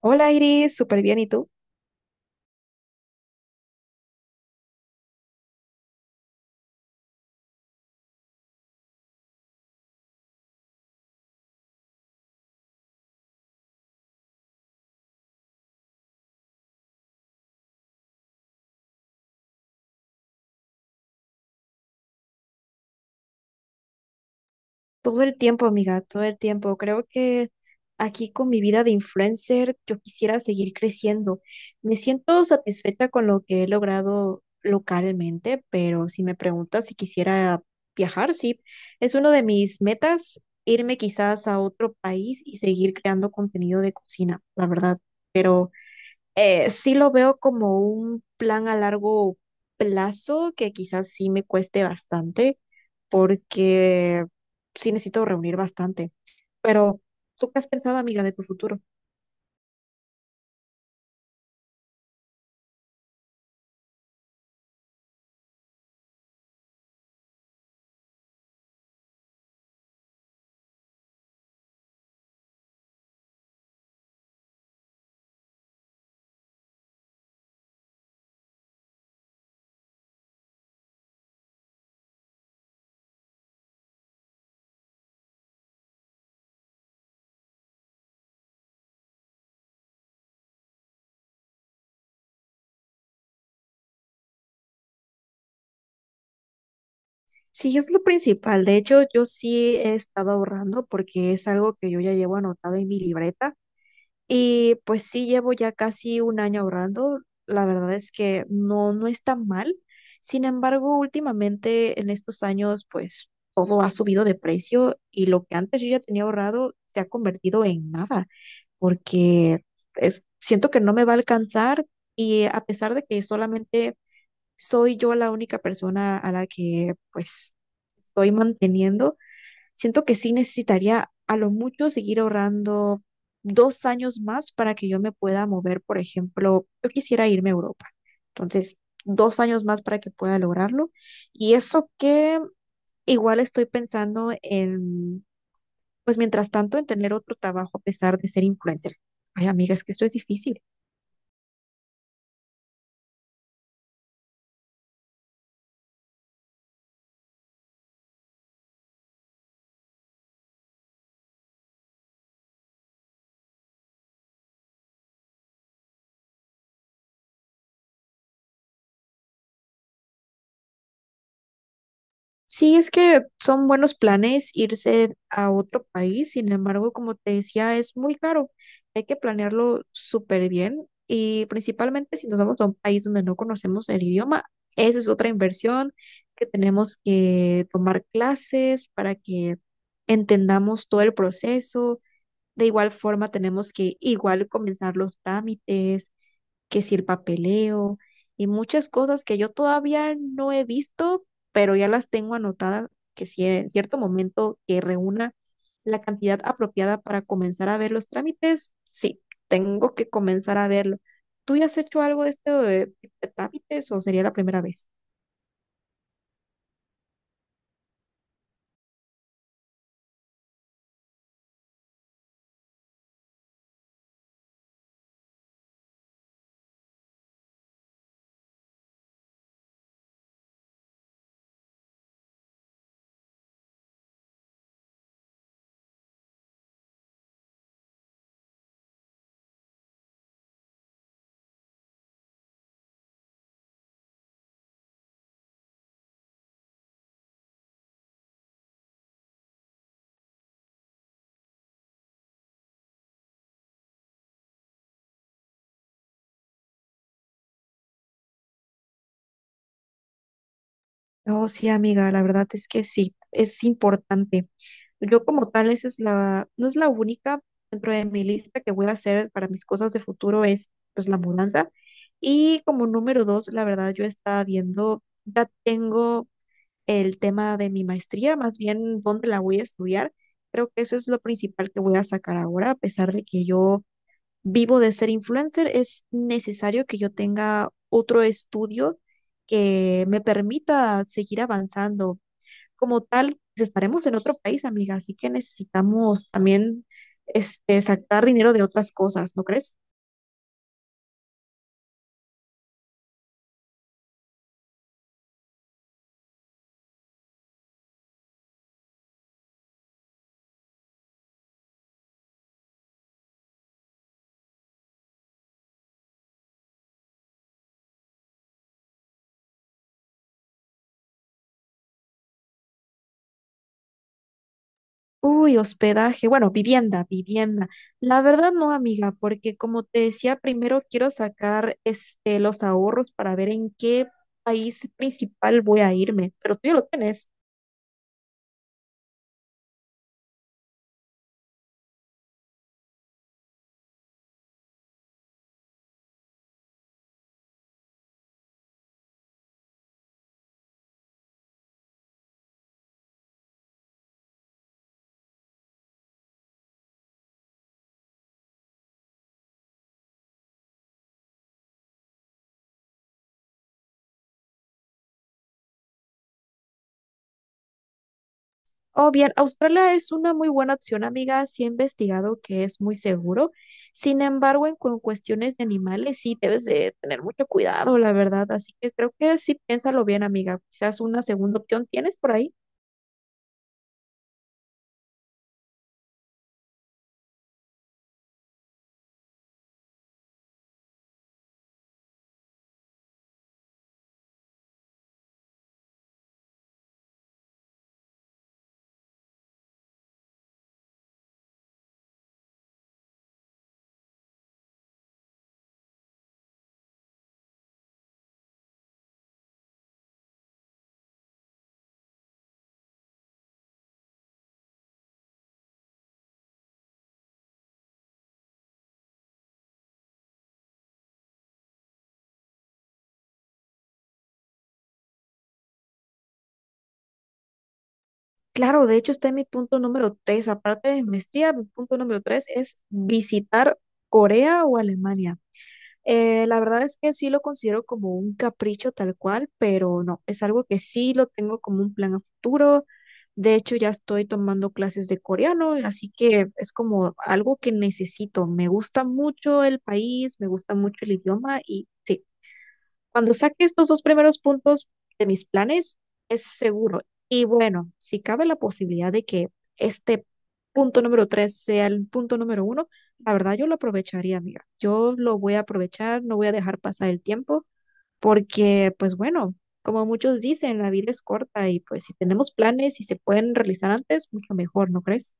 Hola Iris, súper bien. ¿Y tú? Todo el tiempo, amiga, todo el tiempo. Creo que aquí con mi vida de influencer yo quisiera seguir creciendo. Me siento satisfecha con lo que he logrado localmente, pero si me preguntas si quisiera viajar, sí, es uno de mis metas irme quizás a otro país y seguir creando contenido de cocina, la verdad. Pero sí lo veo como un plan a largo plazo que quizás sí me cueste bastante porque sí necesito reunir bastante. Pero, ¿tú qué has pensado, amiga, de tu futuro? Sí, es lo principal. De hecho, yo sí he estado ahorrando porque es algo que yo ya llevo anotado en mi libreta. Y pues sí, llevo ya casi un año ahorrando. La verdad es que no, no es tan mal. Sin embargo, últimamente en estos años, pues todo ha subido de precio y lo que antes yo ya tenía ahorrado se ha convertido en nada, porque es, siento que no me va a alcanzar y a pesar de que solamente soy yo la única persona a la que pues estoy manteniendo. Siento que sí necesitaría a lo mucho seguir ahorrando 2 años más para que yo me pueda mover, por ejemplo, yo quisiera irme a Europa. Entonces, 2 años más para que pueda lograrlo. Y eso que igual estoy pensando en, pues mientras tanto, en tener otro trabajo a pesar de ser influencer. Ay, amiga, es que esto es difícil. Sí, es que son buenos planes irse a otro país, sin embargo, como te decía, es muy caro. Hay que planearlo súper bien y principalmente si nos vamos a un país donde no conocemos el idioma, esa es otra inversión que tenemos que tomar clases para que entendamos todo el proceso. De igual forma, tenemos que igual comenzar los trámites que si el papeleo y muchas cosas que yo todavía no he visto, pero ya las tengo anotadas, que si en cierto momento que reúna la cantidad apropiada para comenzar a ver los trámites, sí, tengo que comenzar a verlo. ¿Tú ya has hecho algo de esto de trámites o sería la primera vez? Oh, sí, amiga, la verdad es que sí, es importante. Yo como tal, esa es la, no es la única dentro de mi lista que voy a hacer para mis cosas de futuro es pues la mudanza. Y como número 2, la verdad, yo estaba viendo, ya tengo el tema de mi maestría, más bien dónde la voy a estudiar. Creo que eso es lo principal que voy a sacar ahora, a pesar de que yo vivo de ser influencer, es necesario que yo tenga otro estudio que me permita seguir avanzando como tal, pues, estaremos en otro país, amiga, así que necesitamos también este, sacar dinero de otras cosas, ¿no crees? Uy, hospedaje, bueno, vivienda, vivienda. La verdad no, amiga, porque como te decía, primero quiero sacar este, los ahorros para ver en qué país principal voy a irme, pero tú ya lo tienes. Oh, bien, Australia es una muy buena opción, amiga. Sí he investigado que es muy seguro. Sin embargo, en, cuestiones de animales sí debes de tener mucho cuidado, la verdad. Así que creo que sí piénsalo bien, amiga. Quizás una segunda opción tienes por ahí. Claro, de hecho está en mi punto número 3. Aparte de maestría, mi punto número 3 es visitar Corea o Alemania. La verdad es que sí lo considero como un capricho tal cual, pero no, es algo que sí lo tengo como un plan a futuro. De hecho, ya estoy tomando clases de coreano, así que es como algo que necesito. Me gusta mucho el país, me gusta mucho el idioma y sí. Cuando saque estos dos primeros puntos de mis planes, es seguro. Y bueno, si cabe la posibilidad de que este punto número tres sea el punto número 1, la verdad yo lo aprovecharía, amiga. Yo lo voy a aprovechar, no voy a dejar pasar el tiempo, porque pues bueno, como muchos dicen, la vida es corta y pues si tenemos planes y se pueden realizar antes, mucho mejor, ¿no crees?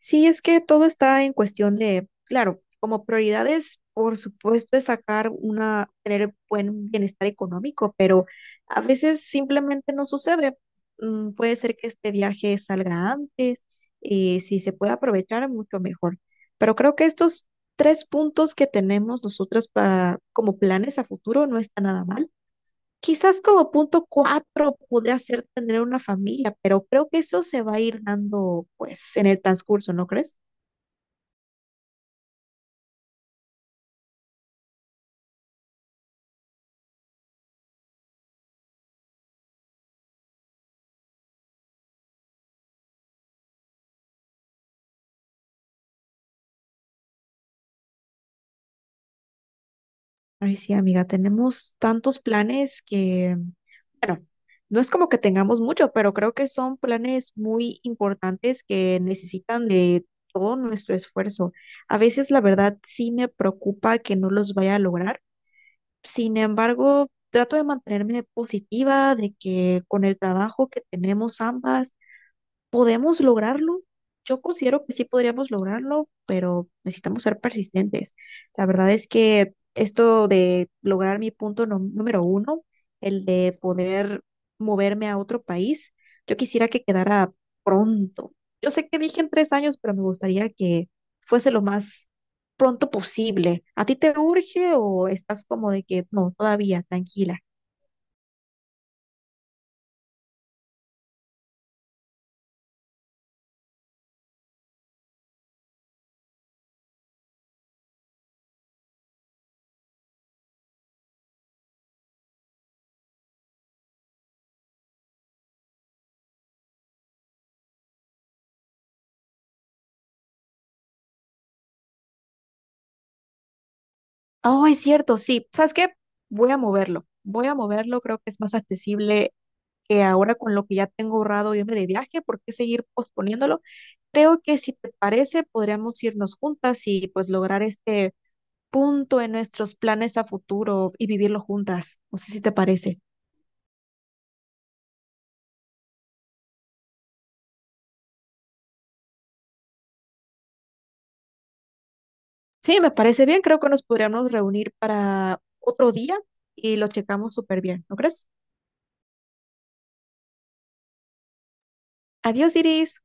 Sí, es que todo está en cuestión de, claro, como prioridades, por supuesto, es sacar una, tener buen bienestar económico, pero a veces simplemente no sucede. Mm, puede ser que este viaje salga antes y si se puede aprovechar, mucho mejor. Pero creo que estos tres puntos que tenemos nosotros para, como planes a futuro no está nada mal. Quizás como punto cuatro podría ser tener una familia, pero creo que eso se va a ir dando pues en el transcurso, ¿no crees? Ay, sí, amiga, tenemos tantos planes que, bueno, no es como que tengamos mucho, pero creo que son planes muy importantes que necesitan de todo nuestro esfuerzo. A veces, la verdad, sí me preocupa que no los vaya a lograr. Sin embargo, trato de mantenerme positiva, de que con el trabajo que tenemos ambas, ¿podemos lograrlo? Yo considero que sí podríamos lograrlo, pero necesitamos ser persistentes. La verdad es que esto de lograr mi punto número 1, el de poder moverme a otro país, yo quisiera que quedara pronto. Yo sé que dije en 3 años, pero me gustaría que fuese lo más pronto posible. ¿A ti te urge o estás como de que no, todavía, tranquila? Oh, es cierto, sí. ¿Sabes qué? Voy a moverlo. Voy a moverlo, creo que es más accesible que ahora con lo que ya tengo ahorrado irme de viaje, ¿por qué seguir posponiéndolo? Creo que si te parece, podríamos irnos juntas y pues lograr este punto en nuestros planes a futuro y vivirlo juntas. No sé si te parece. Sí, me parece bien. Creo que nos podríamos reunir para otro día y lo checamos súper bien, ¿no crees? Adiós, Iris.